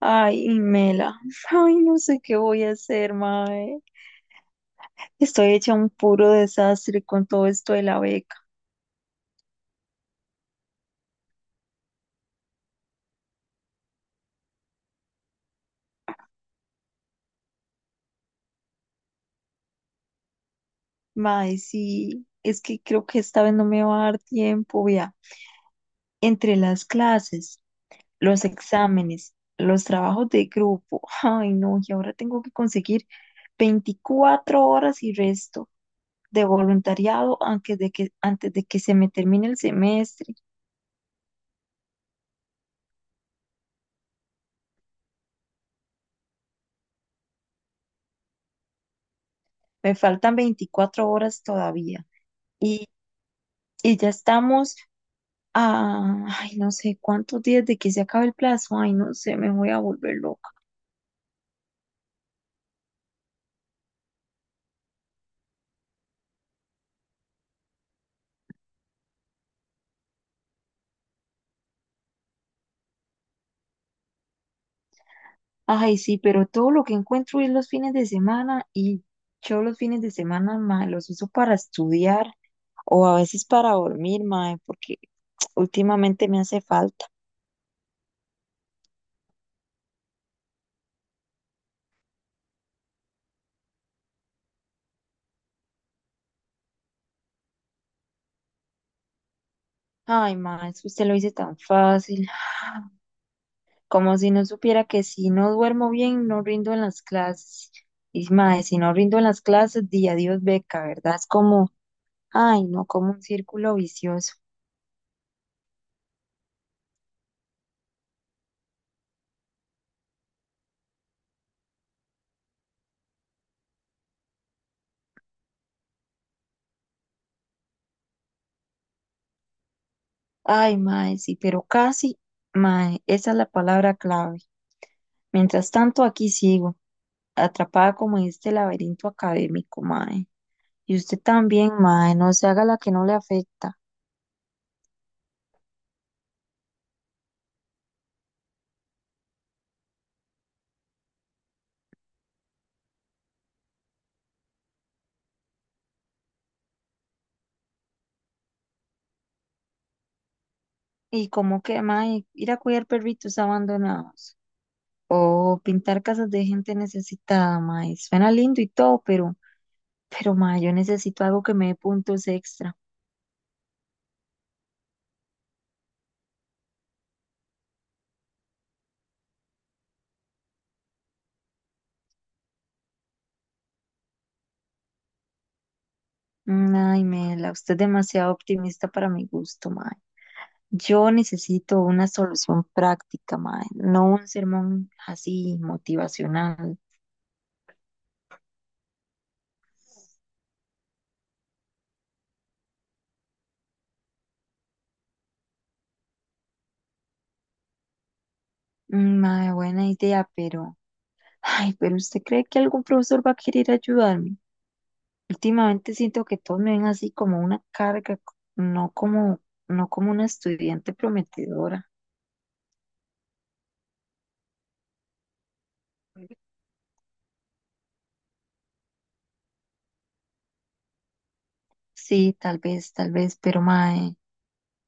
Ay, Mela, ay, no sé qué voy a hacer, mae. Estoy hecha un puro desastre con todo esto de la beca. Mae, sí, es que creo que esta vez no me va a dar tiempo, vea. Entre las clases, los exámenes, los trabajos de grupo, ay, no, y ahora tengo que conseguir 24 horas y resto de voluntariado antes de que se me termine el semestre. Me faltan 24 horas todavía. Y, y ya estamos. Ah, ay, no sé cuántos días de que se acabe el plazo. Ay, no sé, me voy a volver loca. Ay, sí, pero todo lo que encuentro es los fines de semana, y yo los fines de semana, mae, los uso para estudiar o a veces para dormir, mae, porque últimamente me hace falta. Ay, mae, es que usted lo dice tan fácil. Ah, como si no supiera que si no duermo bien, no rindo en las clases. Y mae, si no rindo en las clases, di adiós beca, ¿verdad? Es como, ay, no, como un círculo vicioso. Ay, mae, sí, pero casi, mae, esa es la palabra clave. Mientras tanto, aquí sigo, atrapada como en este laberinto académico, mae. Y usted también, mae, no se haga la que no le afecta. Y como que, mae, ir a cuidar perritos abandonados. O pintar casas de gente necesitada, mae. Suena lindo y todo, pero, pero mae, yo necesito algo que me dé puntos extra. Mm, ay, Mela, usted es demasiado optimista para mi gusto, mae. Yo necesito una solución práctica, mae, no un sermón así motivacional. Mm, mae, buena idea, pero, ay, pero ¿usted cree que algún profesor va a querer ayudarme? Últimamente siento que todos me ven así como una carga, no como, no como una estudiante prometedora. Sí, tal vez, pero mae,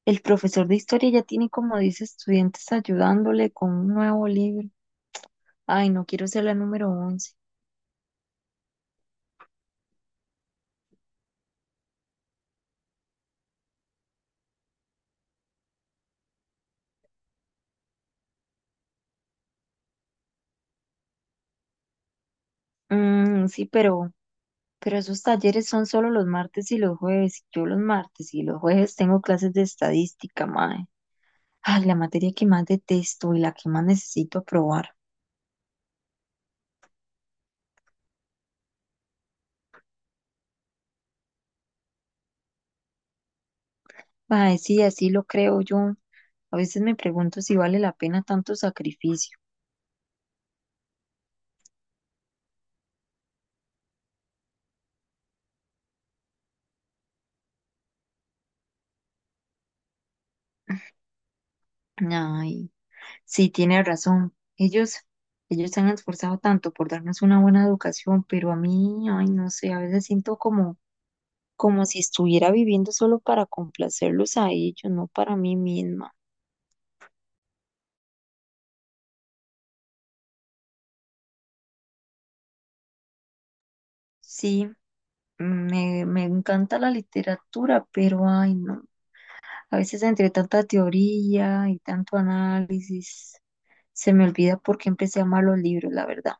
el profesor de historia ya tiene como 10 estudiantes ayudándole con un nuevo libro. Ay, no quiero ser la número 11. Mm, sí, pero esos talleres son solo los martes y los jueves. Yo los martes y los jueves tengo clases de estadística, mae. Ay, la materia que más detesto y la que más necesito aprobar. Mae, sí, así lo creo yo. A veces me pregunto si vale la pena tanto sacrificio. Ay. Sí, tiene razón. Ellos se han esforzado tanto por darnos una buena educación, pero a mí, ay, no sé, a veces siento como, como si estuviera viviendo solo para complacerlos a ellos, no para mí misma. Sí, me encanta la literatura, pero ay, no. A veces entre tanta teoría y tanto análisis, se me olvida por qué empecé a amar los libros, la verdad.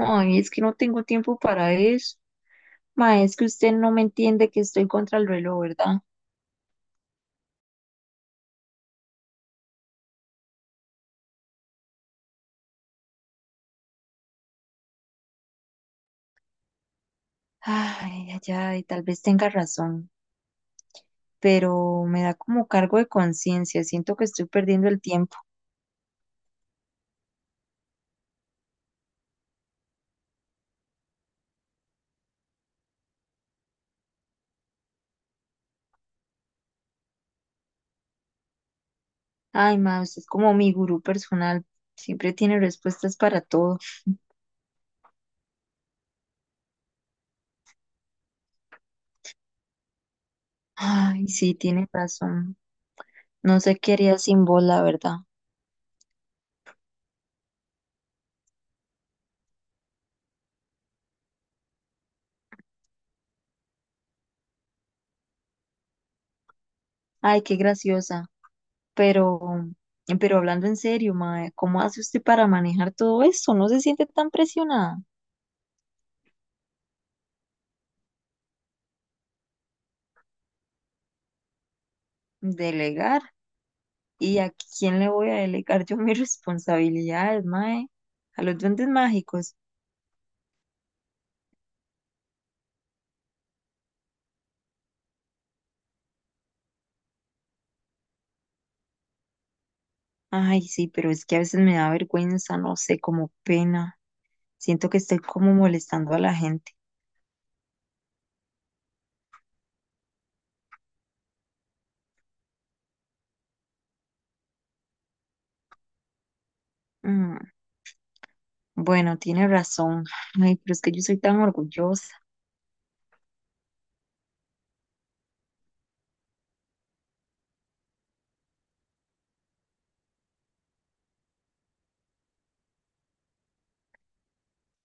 Ay, es que no tengo tiempo para eso. Ma, es que usted no me entiende que estoy contra el reloj, ¿verdad? Ay, ay, ay, tal vez tenga razón, pero me da como cargo de conciencia, siento que estoy perdiendo el tiempo. Ay, ma, usted es como mi gurú personal, siempre tiene respuestas para todo. Ay, sí, tiene razón. No sé qué haría sin vos, la verdad. Ay, qué graciosa. Pero, pero hablando en serio, ma, ¿cómo hace usted para manejar todo esto? ¿No se siente tan presionada? Delegar. ¿Y a quién le voy a delegar yo mis responsabilidades, mae? A los duendes mágicos. Ay, sí, pero es que a veces me da vergüenza, no sé, como pena. Siento que estoy como molestando a la gente. Mm, bueno, tiene razón. Ay, pero es que yo soy tan orgullosa.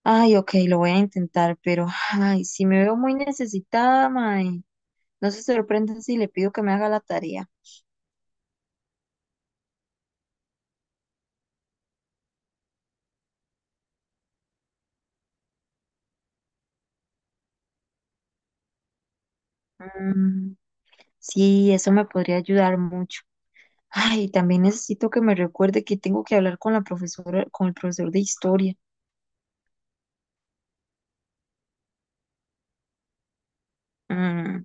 Ay, ok, lo voy a intentar, pero ay, si me veo muy necesitada, mae, no se sorprenden si le pido que me haga la tarea. Mm, sí, eso me podría ayudar mucho. Ay, también necesito que me recuerde que tengo que hablar con la profesora, con el profesor de historia. Mm,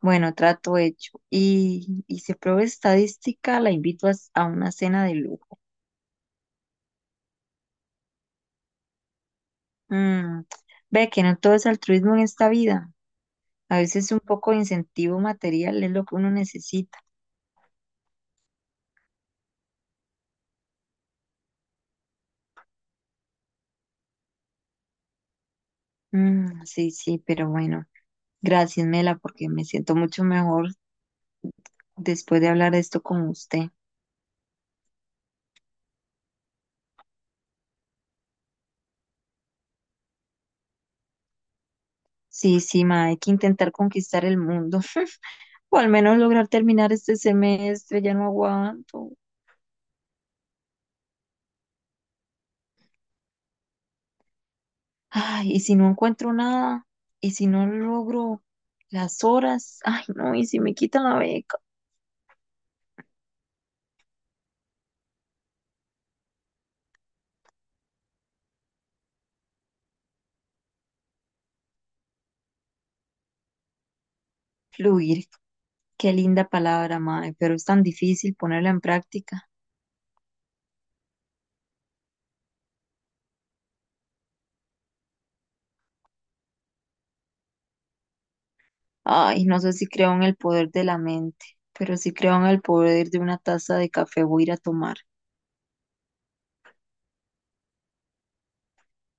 bueno, trato hecho. Y si apruebo estadística, la invito a una cena de lujo. Mm, ve que no todo es altruismo en esta vida. A veces un poco de incentivo material es lo que uno necesita. Mm, sí, sí, pero bueno, gracias, Mela, porque me siento mucho mejor después de hablar de esto con usted. Sí, sí, ma, hay que intentar conquistar el mundo. O al menos lograr terminar este semestre, ya no aguanto. Ay, y si no encuentro nada, y si no logro las horas, ay, no, y si me quitan la beca. Fluir, qué linda palabra, mae, pero es tan difícil ponerla en práctica. Ay, no sé si creo en el poder de la mente, pero sí creo en el poder de una taza de café voy a ir a tomar.